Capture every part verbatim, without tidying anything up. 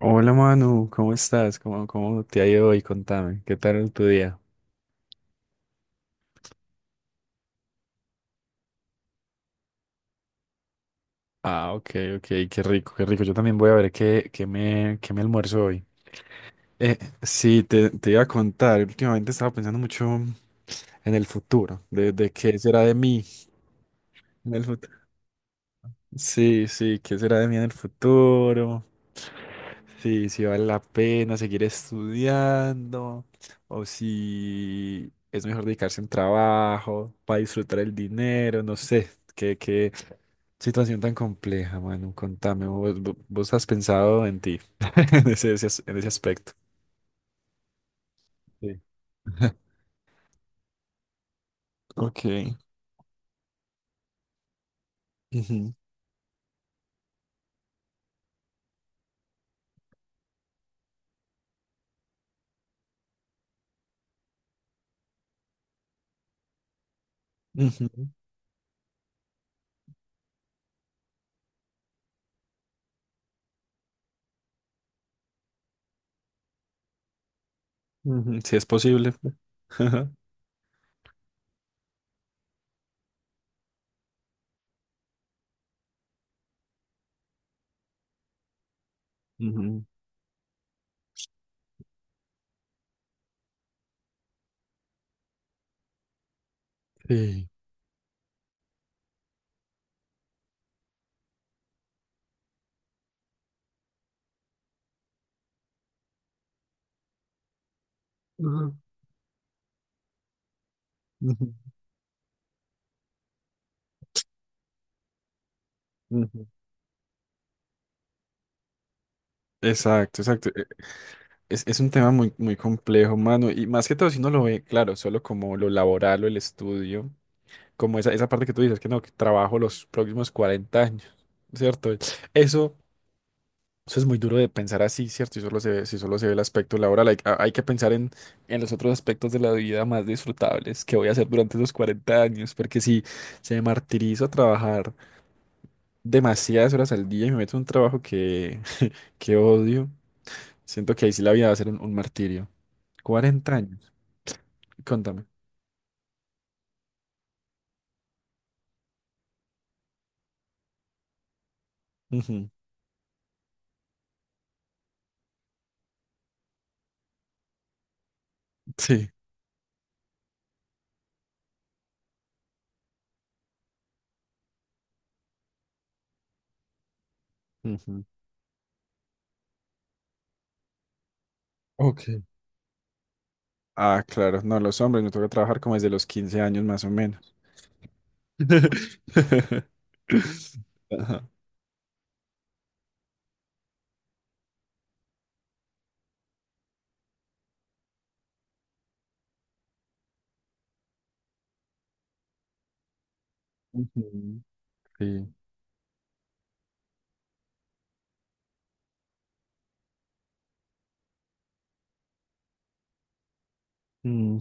Hola Manu, ¿cómo estás? ¿Cómo, cómo te ha ido hoy? Contame, ¿qué tal tu día? Ah, ok, ok, qué rico, qué rico. Yo también voy a ver qué, qué me, qué me almuerzo hoy. Eh, sí, te, te iba a contar, últimamente estaba pensando mucho en el futuro, de, de qué será de mí en el futuro. Sí, sí, qué será de mí en el futuro, sí, si vale la pena seguir estudiando o si es mejor dedicarse a un trabajo para disfrutar el dinero, no sé, qué, qué Situación tan compleja, Manu. Contame, vos, vo- vos has pensado en ti, en ese, ese en ese aspecto. Sí. Ok. Ujú, ujú, ujú. Si es posible. Ajá. Ujú. Sí. Ujú, ujú, ujú. Exacto, exacto. E- Es, es un tema muy, muy complejo, mano. Y más que todo, si uno lo ve, claro, solo como lo laboral o el estudio, como esa, esa parte que tú dices, que no, que trabajo los próximos cuarenta años, ¿cierto? Eso. Eso es muy duro de pensar así, ¿cierto? Y solo se ve, si solo se ve el aspecto laboral, hay, a- hay que pensar en, en los otros aspectos de la vida más disfrutables que voy a hacer durante esos cuarenta años, porque si se martirizo a trabajar demasiadas horas al día y me meto en un trabajo que, que odio, siento que ahí sí la vida va a ser un, un martirio. Cuarenta años, contame. Ujú. Sí. Ujú. Ok. Ah, claro, no, los hombres me toca trabajar como desde los quince años más o menos. Ajá. Ujú. Sí. Mm,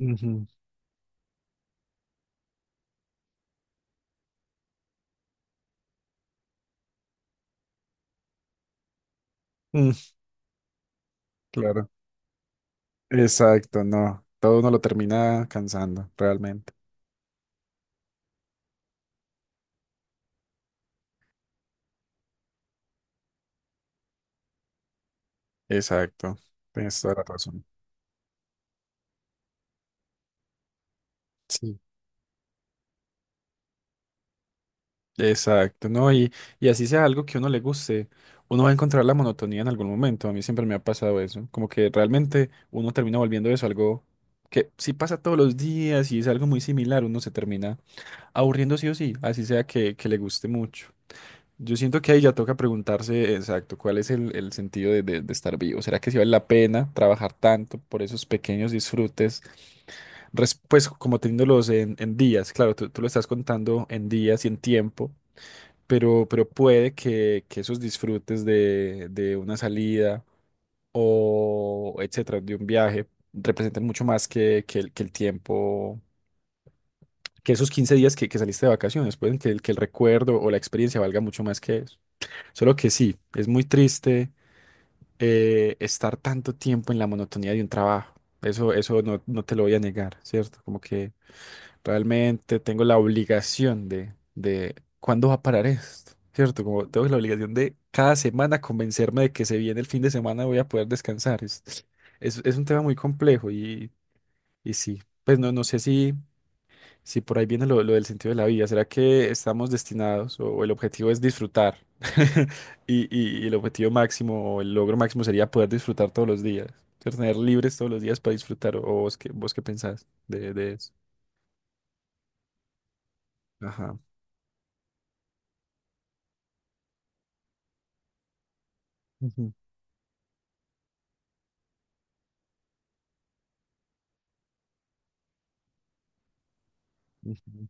ujú, mm, claro. Exacto, no. Todo uno lo termina cansando, realmente. Exacto. Tienes toda la razón. Sí. Exacto, ¿no? Y, y así sea algo que a uno le guste, uno va a encontrar la monotonía en algún momento. A mí siempre me ha pasado eso. Como que realmente uno termina volviendo eso algo que si pasa todos los días y es algo muy similar, uno se termina aburriendo sí o sí, así sea que, que le guste mucho. Yo siento que ahí ya toca preguntarse exacto cuál es el, el sentido de, de- de estar vivo. ¿Será que si vale la pena trabajar tanto por esos pequeños disfrutes? Res- pues como teniéndolos en, en días, claro, tú, tú lo estás contando en días y en tiempo, pero, pero puede que, que esos disfrutes de, de una salida o etcétera, de un viaje, representen mucho más que, que el, que el tiempo, que esos quince días que, que saliste de vacaciones. Pueden que, el- que el recuerdo o la experiencia valga mucho más que eso. Solo que sí, es muy triste eh, estar tanto tiempo en la monotonía de un trabajo. Eso, eso no, no te lo voy a negar, ¿cierto? Como que realmente tengo la obligación de, de ¿cuándo va a parar esto? ¿Cierto? Como tengo la obligación de cada semana convencerme de que se viene el fin de semana voy a poder descansar. Es, es, es un tema muy complejo y, y sí, pues no, no sé si... Sí, por ahí viene lo, lo del sentido de la vida. ¿Será que estamos destinados o, o el objetivo es disfrutar? Y, y- y el objetivo máximo o el logro máximo sería poder disfrutar todos los días, ser tener libres todos los días para disfrutar. ¿O vos qué, vos qué pensás de, de eso? Ajá. Ujú, ujú.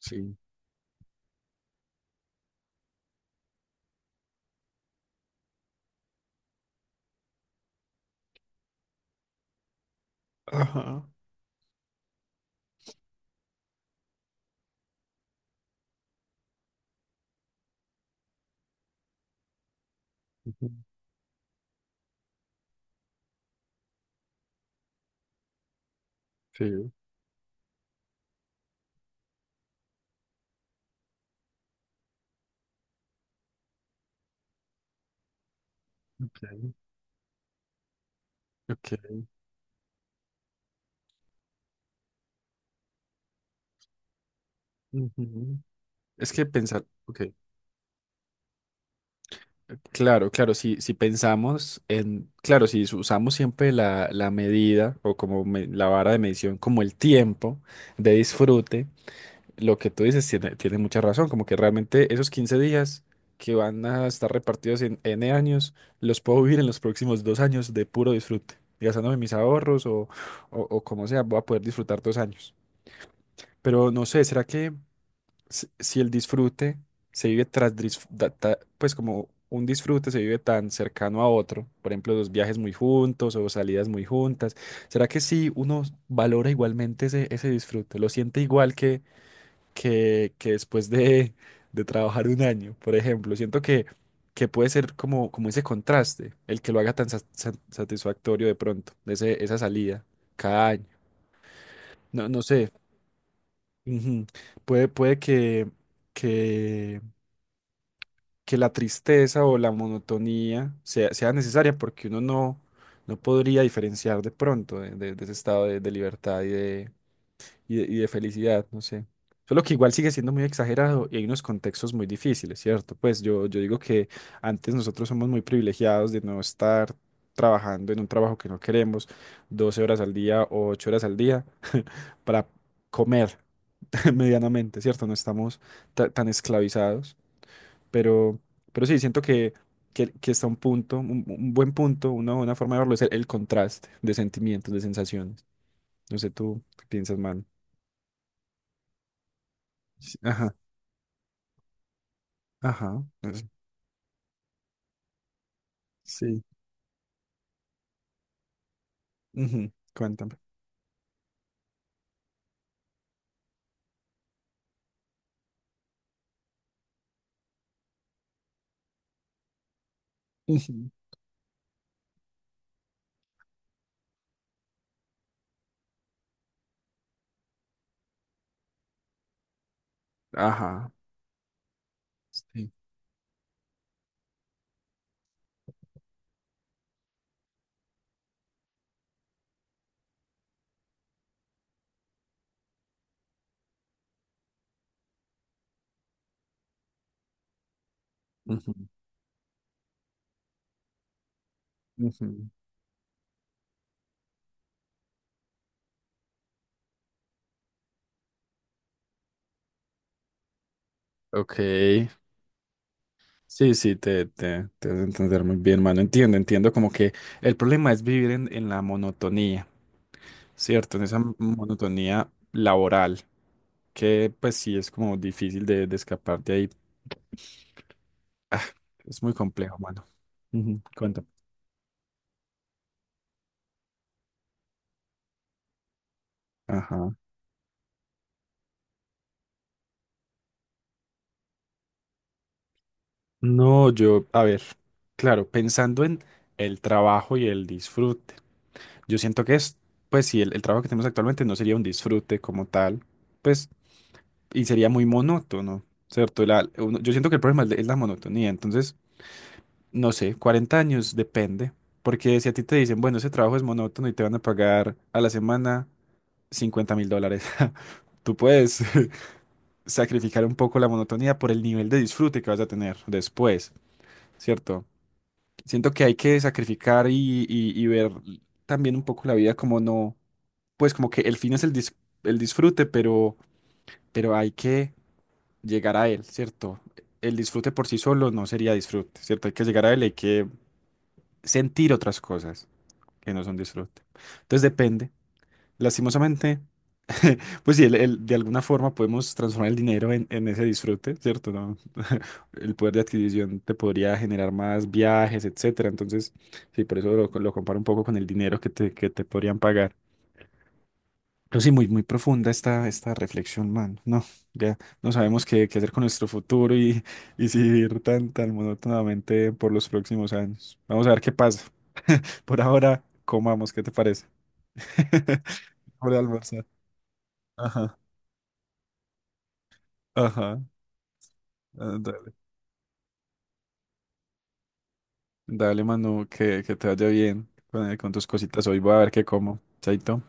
Sí. Ajá. Ujú. Sí. Ok. Ok. Ujú. Es que pensar, ok. Claro, claro, si, si pensamos en, claro, si usamos siempre la, la medida o como me- la vara de medición como el tiempo de disfrute, lo que tú dices tiene, tiene mucha razón, como que realmente esos quince días que van a estar repartidos en ene años, los puedo vivir en los próximos dos años de puro disfrute, gastándome mis ahorros o, o, o como sea, voy a poder disfrutar dos años. Pero no sé, ¿será que si, si el disfrute se vive tras, disf- da- ta- pues como un disfrute se vive tan cercano a otro, por ejemplo, los viajes muy juntos o salidas muy juntas, ¿será que sí uno valora igualmente ese, ese disfrute? ¿Lo siente igual que, que, que después de, de trabajar un año, por ejemplo? Siento que, que puede ser como, como ese contraste, el que lo haga tan sa- sa- satisfactorio de pronto, ese, esa salida cada año. No, no sé. Ujú. Puede, puede que, que que la tristeza o la monotonía sea, sea necesaria porque uno no, no podría diferenciar de pronto de, de- de ese estado de, de libertad y de, y de, y de felicidad, no sé. Solo que igual sigue siendo muy exagerado y hay unos contextos muy difíciles, ¿cierto? Pues yo, yo digo que antes nosotros somos muy privilegiados de no estar trabajando en un trabajo que no queremos doce horas al día o ocho horas al día para comer medianamente, ¿cierto? No estamos ta- tan esclavizados. Pero, pero sí, siento que, que, que está un punto, un, un buen punto, una buena forma de verlo es el, el contraste de sentimientos, de sensaciones. No sé, tú qué piensas, man. Sí, ajá, ajá. es- Sí. Ujú, cuéntame. Ujú, ajá. Sí. Ujú, ujú. Ok. Sí, sí, te, te, te vas a entender muy bien, mano. Entiendo, entiendo como que el problema es vivir en, en la monotonía, ¿cierto? En esa monotonía laboral, que pues sí es como difícil de, de escapar de ahí. Ah, es muy complejo, mano. Ujú, cuéntame. Ajá. No, yo, a ver, claro, pensando en el trabajo y el disfrute. Yo siento que es, pues sí, el, el trabajo que tenemos actualmente no sería un disfrute como tal. Pues y sería muy monótono, ¿cierto? La- uno- yo siento que el problema es, la es la monotonía, entonces, no sé, cuarenta años depende, porque si a ti te dicen, bueno, ese trabajo es monótono y te van a pagar a la semana cincuenta mil dólares, tú puedes sacrificar un poco la monotonía por el nivel de disfrute que vas a tener después, ¿cierto? Siento que hay que sacrificar y, y- y ver también un poco la vida como no, pues como que el fin es el, dis- el disfrute, pero, pero hay que... llegar a él, ¿cierto? El disfrute por sí solo no sería disfrute, ¿cierto? Hay que llegar a él, hay que sentir otras cosas que no son disfrute. Entonces depende. Lastimosamente, pues sí, el- el- de alguna forma podemos transformar el dinero en, en ese disfrute, ¿cierto? ¿No? El poder de adquisición te podría generar más viajes, etcétera. Entonces, sí, por eso lo, lo comparo un poco con el dinero que te, que te podrían pagar. Pero sí, muy, muy profunda esta, esta reflexión, man. No, ya no sabemos qué, qué hacer con nuestro futuro y, y si vivir tan, tan monótonamente por los próximos años. Vamos a ver qué pasa. Por ahora, comamos, ¿qué te parece? Por almorzar. Ajá, ajá. Ah, dale, dale, Manu, que, que te vaya bien con, con tus cositas. Hoy voy a ver qué como. Chaito.